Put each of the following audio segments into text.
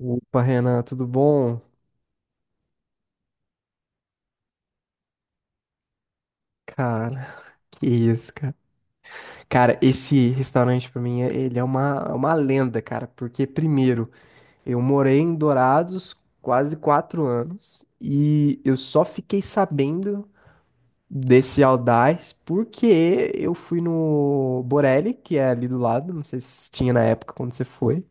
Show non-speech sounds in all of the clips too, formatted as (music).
Opa, Renan, tudo bom? Cara, (laughs) que isso, cara. Cara, esse restaurante pra mim, ele é uma lenda, cara, porque primeiro, eu morei em Dourados quase 4 anos e eu só fiquei sabendo desse Aldais porque eu fui no Borelli, que é ali do lado, não sei se tinha na época quando você foi.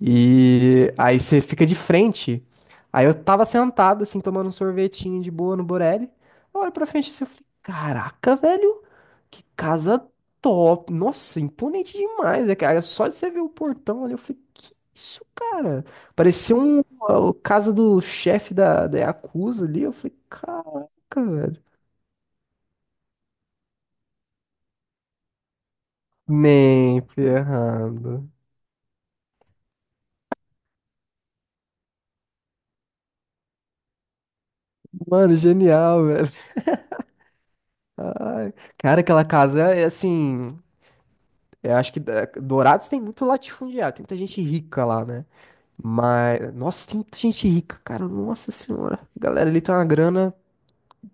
E aí você fica de frente. Aí eu tava sentado, assim, tomando um sorvetinho de boa no Borelli. Eu olho pra frente assim, eu falei, caraca, velho, que casa top. Nossa, imponente demais, é, cara. Só de você ver o portão ali, eu falei, que isso, cara? Parecia a casa do chefe da Yakuza ali. Eu falei, caraca, velho. Nem ferrando. Mano, genial, velho. Ai, cara, aquela casa é assim. Eu acho que Dourados tem muito latifundiário, tem muita gente rica lá, né? Mas, nossa, tem muita gente rica, cara, nossa senhora. A galera ali tem uma grana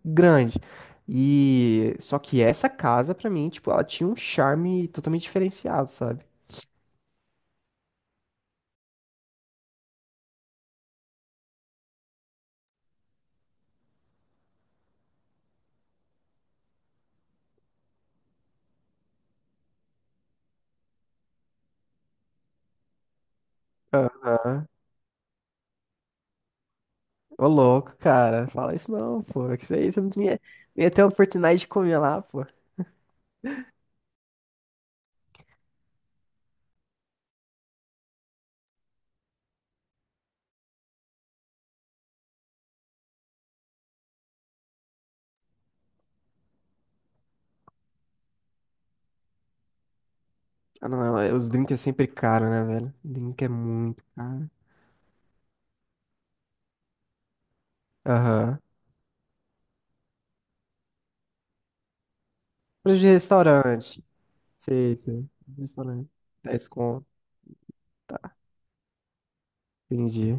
grande. E só que essa casa pra mim, tipo, ela tinha um charme totalmente diferenciado, sabe? Aham. Ô louco, cara, fala isso não, pô. Que isso aí, você não tinha, não ia ter a oportunidade de comer lá, pô. Ah, não, os drinks é sempre caro, né, velho? Drink é muito caro. Aham. Preço de restaurante. Sei, sei. Restaurante. 10 conto. Tá, entendi.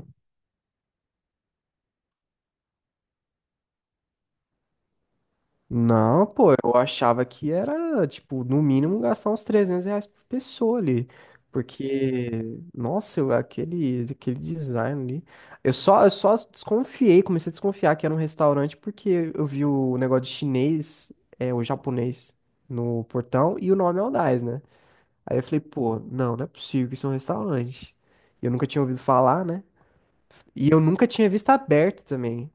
Não, pô, eu achava que era, tipo, no mínimo gastar uns R$ 300 por pessoa ali. Porque, nossa, aquele design ali. Eu só desconfiei, comecei a desconfiar que era um restaurante porque eu vi o negócio de chinês, é, o japonês no portão e o nome é Aldais, né? Aí eu falei, pô, não, não é possível que isso é um restaurante. E eu nunca tinha ouvido falar, né? E eu nunca tinha visto aberto também,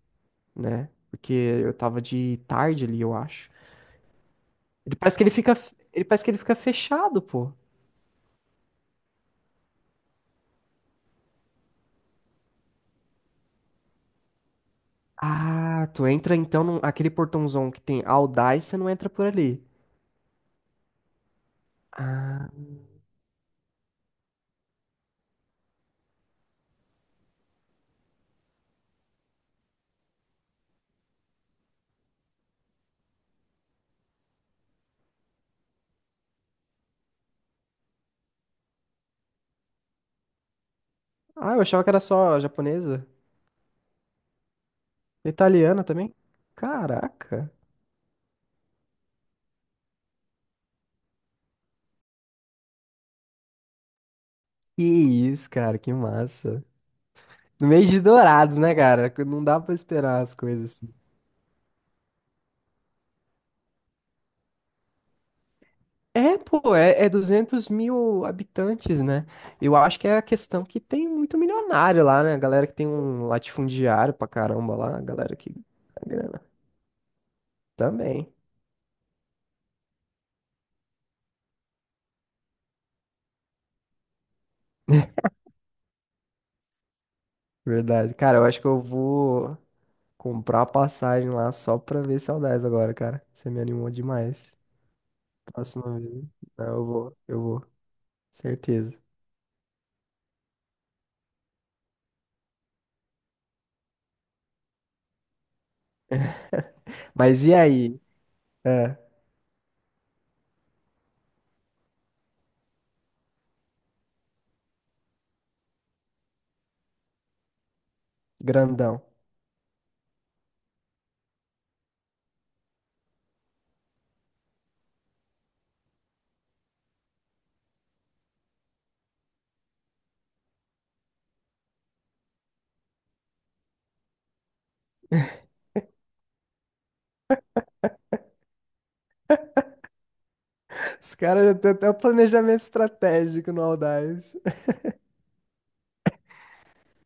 né? Porque eu tava de tarde ali, eu acho. Ele parece que ele fica, ele parece que ele fica fechado, pô. Ah, tu entra então aquele portãozão que tem All Dai, você não entra por ali. Ah, ah, eu achava que era só japonesa. Italiana também? Caraca. Que isso, cara, que massa. No mês de Dourados, né, cara? Não dá pra esperar as coisas. É, pô, é 200 mil habitantes, né? Eu acho que é a questão que tem muito milionário lá, né? A galera que tem um latifundiário pra caramba lá, a galera que. A grana. Também, verdade. Cara, eu acho que eu vou comprar a passagem lá só pra ver saudades agora, cara. Você me animou demais. Próxima vez. Não, eu vou, certeza. Mas e aí? É, grandão. (laughs) Os caras já têm até o planejamento estratégico no Audax.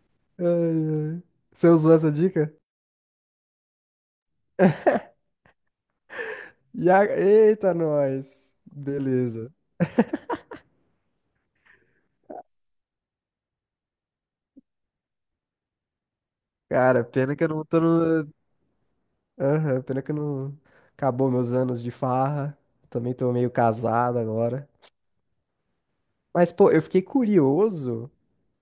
(laughs) Ai, ai. Você usou essa dica? E a. Eita, nós! Beleza. Cara, pena que eu não tô no. Aham, pena que eu não. Acabou meus anos de farra. Também tô meio casado agora. Mas, pô, eu fiquei curioso.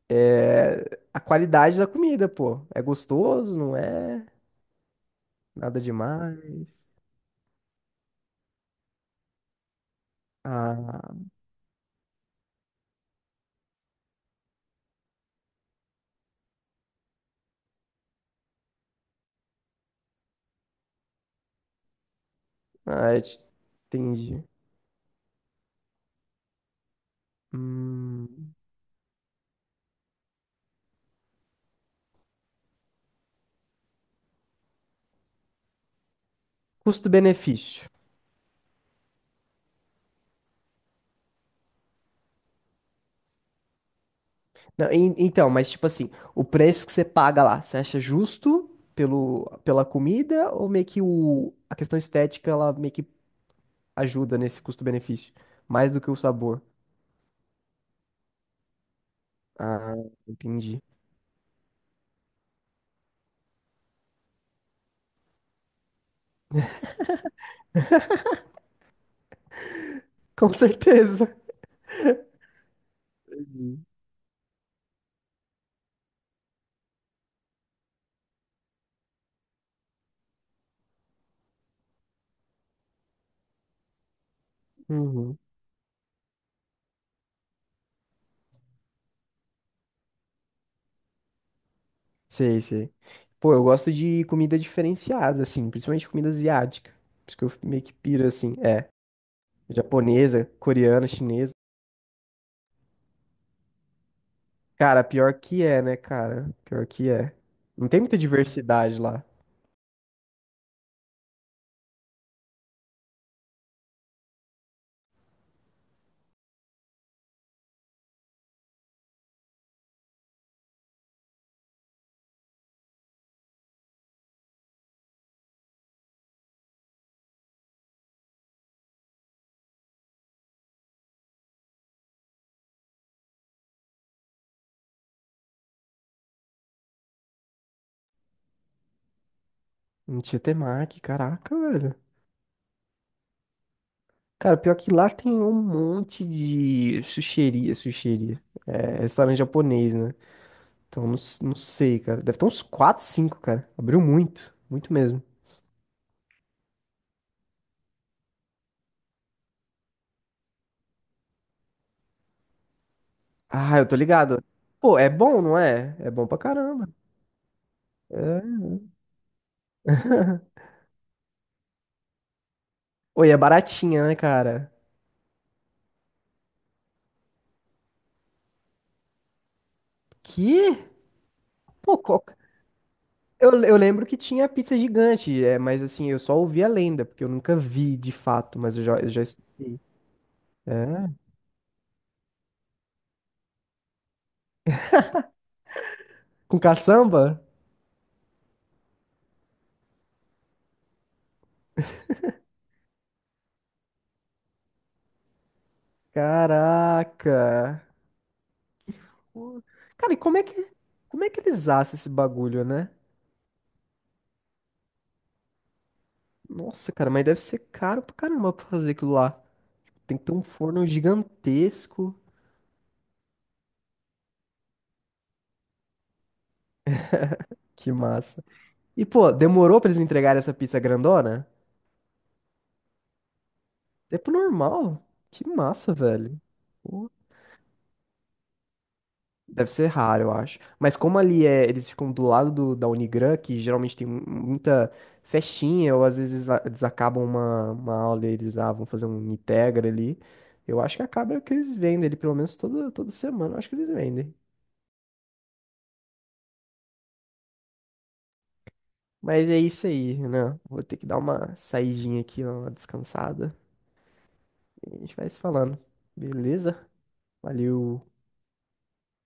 É, a qualidade da comida, pô. É gostoso, não é? Nada demais. Ah, ah entendi. Hum. Custo-benefício. Não, então, mas tipo assim, o preço que você paga lá, você acha justo pela comida ou meio que a questão estética ela meio que ajuda nesse custo-benefício? Mais do que o sabor. Ah, entendi. (laughs) Com certeza. Entendi. Uhum. Sei, sei. Pô, eu gosto de comida diferenciada, assim, principalmente comida asiática. Por isso que eu meio que piro, assim, é. Japonesa, coreana, chinesa. Cara, pior que é, né, cara? Pior que é. Não tem muita diversidade lá. Em Tietemac, caraca, velho. Cara, pior que lá tem um monte de sushiria, sushiria. É, restaurante japonês, né? Então, não, não sei, cara. Deve ter uns 4, 5, cara. Abriu muito, muito mesmo. Ah, eu tô ligado. Pô, é bom, não é? É bom pra caramba. É. (laughs) Oi, é baratinha, né, cara? Que? Pô, qual. Eu lembro que tinha pizza gigante, é, mas assim, eu só ouvi a lenda, porque eu nunca vi de fato, mas É. Com caçamba? Caraca! Pô, cara, e como é que eles assam esse bagulho, né? Nossa, cara, mas deve ser caro pra caramba pra fazer aquilo lá. Tem que ter um forno gigantesco. Que massa. E, pô, demorou pra eles entregarem essa pizza grandona? Tempo normal. Que massa, velho. Pô, deve ser raro, eu acho. Mas como ali é, eles ficam do lado da Unigran, que geralmente tem muita festinha, ou às vezes eles acabam uma aula e eles vão fazer um Integra ali. Eu acho que acaba que eles vendem ali, pelo menos toda semana, eu acho que eles vendem. Mas é isso aí, né? Vou ter que dar uma saidinha aqui, uma descansada. E a gente vai se falando. Beleza? Valeu.